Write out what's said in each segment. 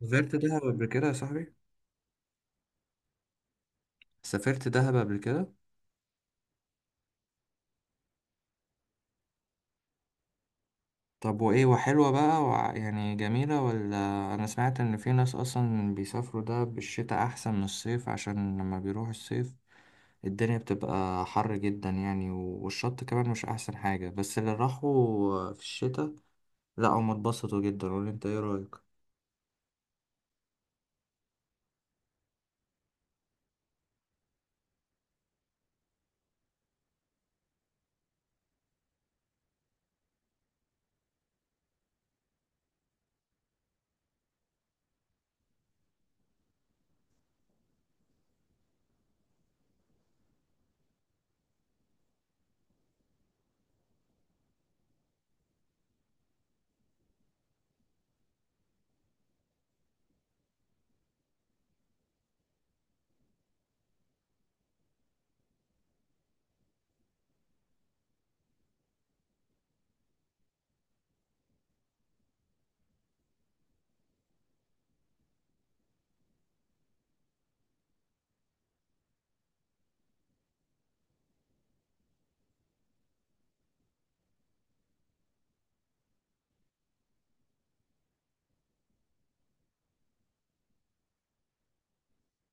سافرت دهب قبل كده يا صاحبي. سافرت دهب قبل كده. طب وايه، وحلوة بقى يعني، جميلة ولا؟ انا سمعت ان في ناس اصلا بيسافروا دهب بالشتاء احسن من الصيف، عشان لما بيروحوا الصيف الدنيا بتبقى حر جدا يعني، والشط كمان مش احسن حاجة، بس اللي راحوا في الشتاء، لا هم اتبسطوا جدا، ولا انت ايه رأيك؟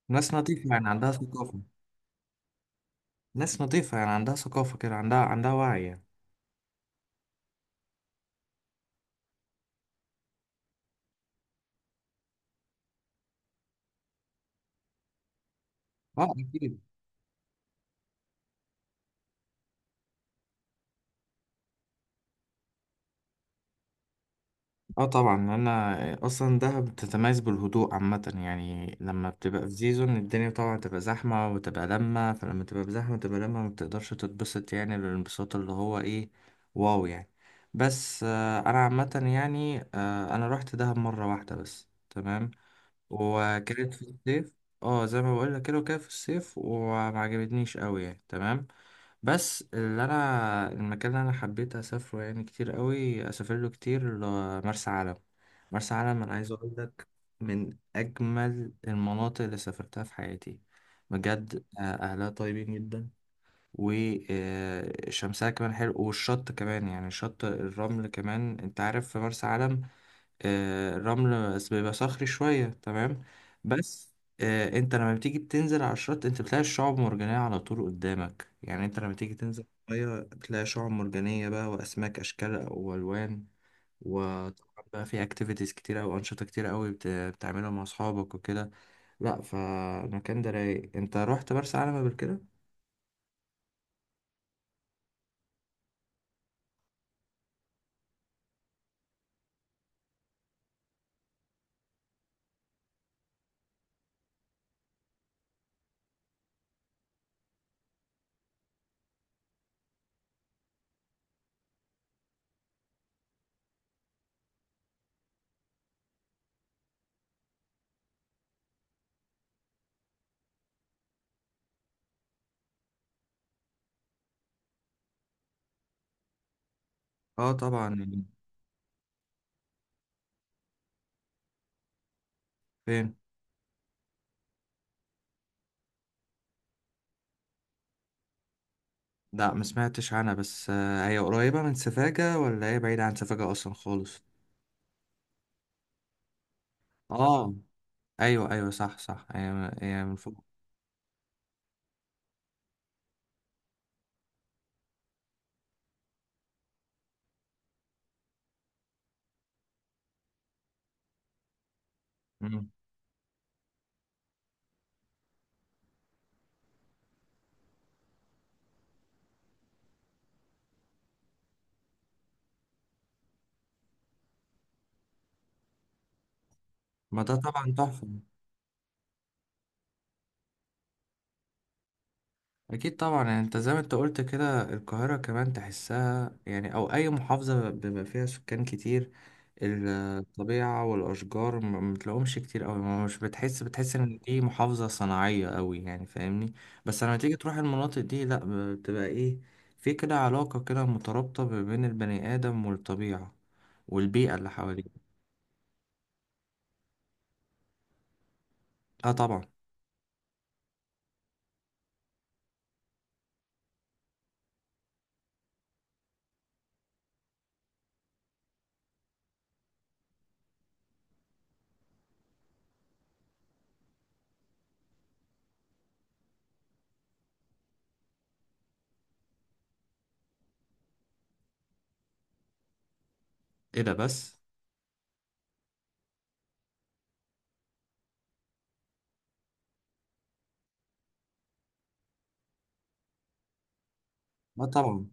ناس نظيفة يعني عندها ثقافة. ناس نظيفة يعني عندها ثقافة كده، عندها وعي يعني. اه اكيد. اه طبعا، انا اصلا دهب بتتميز بالهدوء عامه يعني، لما بتبقى في سيزون الدنيا طبعا تبقى زحمه وتبقى لمه، فلما تبقى بزحمه تبقى لمه ما بتقدرش تتبسط، يعني الانبساط اللي هو ايه. واو يعني. بس انا عامه يعني، انا رحت دهب مره واحده بس، تمام. وكانت في الصيف. اه زي ما بقول لك كده، وكانت في الصيف وما عجبتنيش قوي يعني، تمام. بس اللي انا، المكان اللي انا حبيت اسافره يعني كتير قوي، اسافر له كتير، مرسى علم. مرسى علم، انا عايز اقول لك، من اجمل المناطق اللي سافرتها في حياتي. بجد، اهلها طيبين جدا. وشمسها كمان حلو، والشط كمان يعني، شط الرمل كمان، انت عارف في مرسى علم الرمل بس بيبقى صخري شوية، تمام. بس، انت لما بتيجي بتنزل على الشط انت بتلاقي الشعب مرجانية على طول قدامك، يعني انت لما تيجي تنزل المية بتلاقي شعب مرجانية بقى، وأسماك أشكال وألوان. وطبعا بقى في اكتيفيتيز كتير أو أنشطة كتير أوي بتعملها مع أصحابك وكده. لأ، فالمكان ده رايق. انت رحت مرسى علم قبل كده؟ اه طبعا. فين؟ لأ ما سمعتش عنها، بس هي قريبة من سفاجة ولا هي بعيدة عن سفاجة أصلا خالص؟ اه. ايوه ايوه، صح صح، هي من فوق. مم. ما ده طبعا تحفه. اكيد طبعا، يعني انت زي ما انت قلت كده، القاهره كمان تحسها يعني، او اي محافظه بيبقى فيها سكان كتير، الطبيعه والاشجار ما بتلاقوهمش كتير قوي، ما مش بتحس ان دي محافظه صناعيه قوي يعني، فاهمني؟ بس لما تيجي تروح المناطق دي، لا، بتبقى ايه، في كده علاقه كده مترابطه ما بين البني ادم والطبيعه والبيئه اللي حواليه. اه طبعا. ايه ده بس. اه طبعا.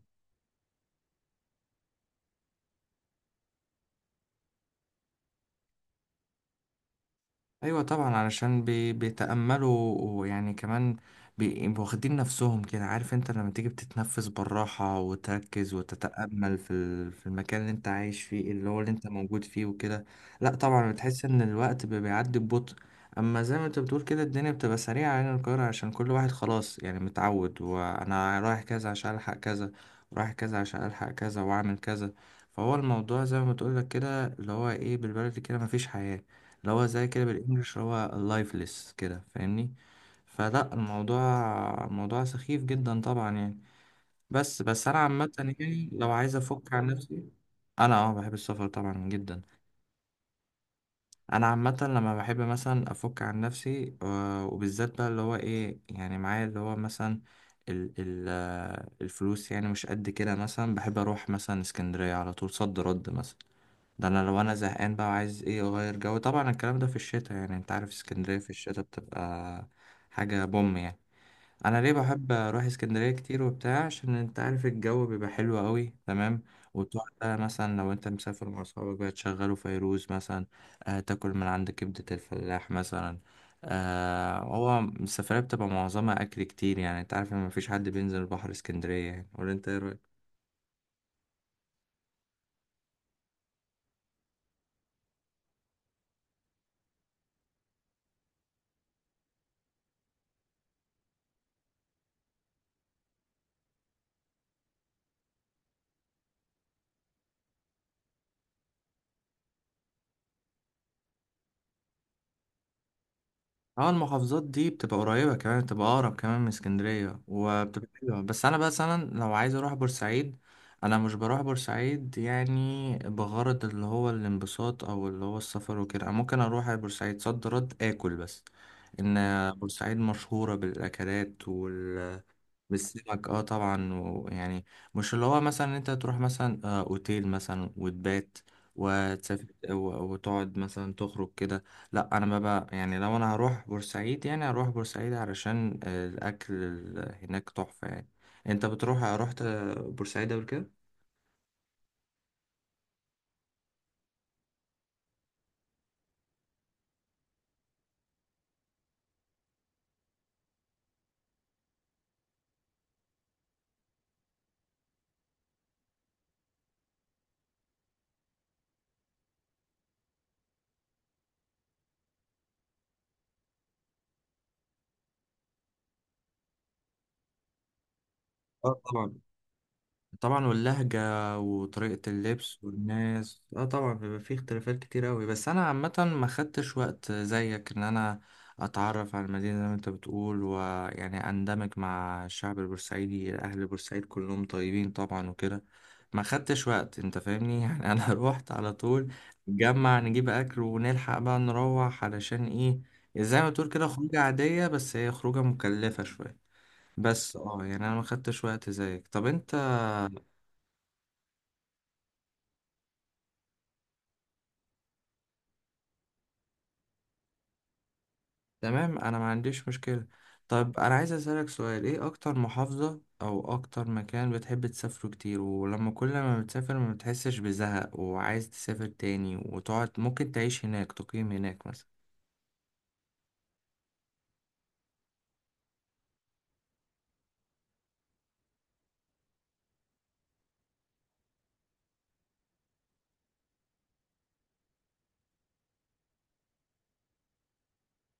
ايوه طبعا، علشان بيتأملوا، ويعني كمان بيبقوا واخدين نفسهم كده، عارف، انت لما تيجي بتتنفس بالراحة وتركز وتتأمل في المكان اللي انت عايش فيه، اللي هو اللي انت موجود فيه وكده. لا طبعا، بتحس ان الوقت بيعدي ببطء، اما زي ما انت بتقول كده، الدنيا بتبقى سريعة هنا القاهرة، عشان كل واحد خلاص يعني متعود، وانا رايح كذا عشان الحق كذا، ورايح كذا عشان الحق كذا واعمل كذا. فهو الموضوع زي ما بتقول لك كده، اللي هو ايه، بالبلدي كده مفيش حياة، اللي هو زي كده بالانجلش، اللي هو لايفلس كده، فاهمني؟ فلا، الموضوع، الموضوع سخيف جدا طبعا يعني. بس انا عامه يعني، لو عايز افك عن نفسي. انا اه بحب السفر طبعا جدا. انا عامه لما بحب مثلا افك عن نفسي، وبالذات بقى اللي هو ايه يعني، معايا اللي هو مثلا ال ال الفلوس يعني مش قد كده، مثلا بحب اروح مثلا اسكندريه على طول صد رد مثلا. ده انا لو انا زهقان بقى، وعايز ايه اغير جو، طبعا الكلام ده في الشتاء، يعني انت عارف اسكندرية في الشتاء بتبقى حاجة بوم يعني. انا ليه بحب اروح اسكندرية كتير وبتاع، عشان انت عارف الجو بيبقى حلو قوي، تمام، وتقعد بقى مثلا لو انت مسافر مع صحابك بقى تشغلوا فيروز مثلا، تاكل من عند كبدة الفلاح مثلا. هو السفرية بتبقى معظمها اكل كتير يعني، انت عارف ان مفيش حد بينزل البحر اسكندرية يعني، ولا انت ايه؟ اه، المحافظات دي بتبقى قريبة كمان، بتبقى أقرب كمان من اسكندرية وبتبقى حلوة، بس أنا مثلا لو عايز أروح بورسعيد، أنا مش بروح بورسعيد يعني بغرض اللي هو الانبساط أو اللي هو السفر وكده، أنا ممكن أروح على بورسعيد صد رد آكل بس، إن بورسعيد مشهورة بالأكلات، بالسمك، اه طبعا، ويعني، مش اللي هو مثلا انت تروح مثلا اوتيل مثلا وتبات وتسافر، وتقعد مثلا تخرج كده. لا انا ما بقى يعني، لو انا هروح بورسعيد يعني هروح بورسعيد علشان الاكل هناك تحفة يعني. انت رحت بورسعيد قبل كده؟ اه طبعا. طبعا، واللهجة وطريقة اللبس والناس، اه طبعا بيبقى فيه اختلافات كتير اوي، بس انا عامة ما خدتش وقت زيك ان انا اتعرف على المدينة زي ما انت بتقول، ويعني اندمج مع الشعب البورسعيدي، اهل بورسعيد كلهم طيبين طبعا وكده. ما خدتش وقت، انت فاهمني، يعني انا روحت على طول، نجمع نجيب اكل ونلحق بقى نروح، علشان ايه، زي ما تقول كده خروجة عادية، بس هي خروجة مكلفة شوية. بس اه يعني انا ما خدتش وقت زيك. طب انت؟ تمام، انا ما عنديش مشكلة. طب انا عايز اسألك سؤال، ايه اكتر محافظة او اكتر مكان بتحب تسافره كتير، ولما كل ما بتسافر ما بتحسش بزهق وعايز تسافر تاني، وتقعد ممكن تعيش هناك، تقيم هناك مثلا؟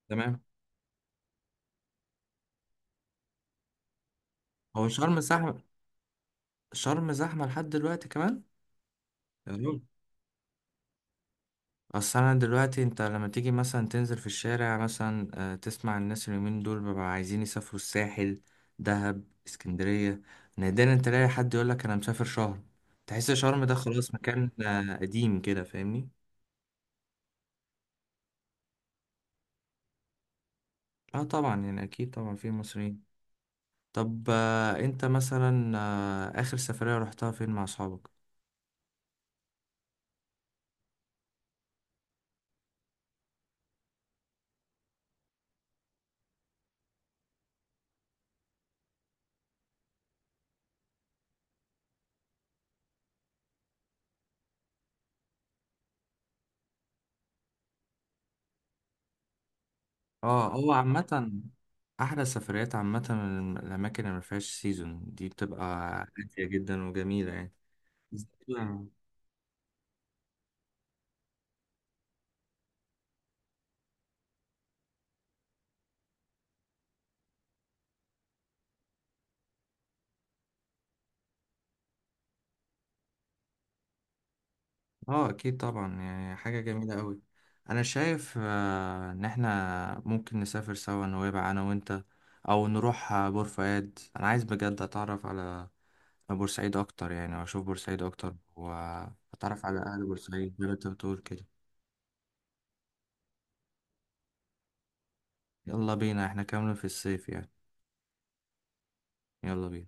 تمام. هو شرم زحمة؟ شرم زحمة لحد دلوقتي كمان؟ يا راجل. اصل انا دلوقتي، انت لما تيجي مثلا تنزل في الشارع مثلا، تسمع الناس اليومين دول بيبقوا عايزين يسافروا الساحل، دهب، اسكندرية، نادرا تلاقي حد يقولك انا مسافر شرم، تحس شرم ده خلاص مكان قديم كده، فاهمني؟ اه طبعا، يعني اكيد طبعا في مصريين. طب انت مثلا، اخر سفرية رحتها فين مع اصحابك؟ اه، هو عامة احلى السفريات، عامة الاماكن اللي ما فيهاش سيزون دي بتبقى هادية جدا وجميلة يعني. اه اكيد طبعا، يعني حاجة جميلة قوي. انا شايف ان احنا ممكن نسافر سوا نويبع انا وانت، او نروح بور فؤاد، انا عايز بجد اتعرف على بورسعيد اكتر يعني، واشوف بورسعيد اكتر واتعرف على اهل بورسعيد زي ما انت بتقول كده. يلا بينا، احنا كاملين في الصيف يعني. يلا بينا.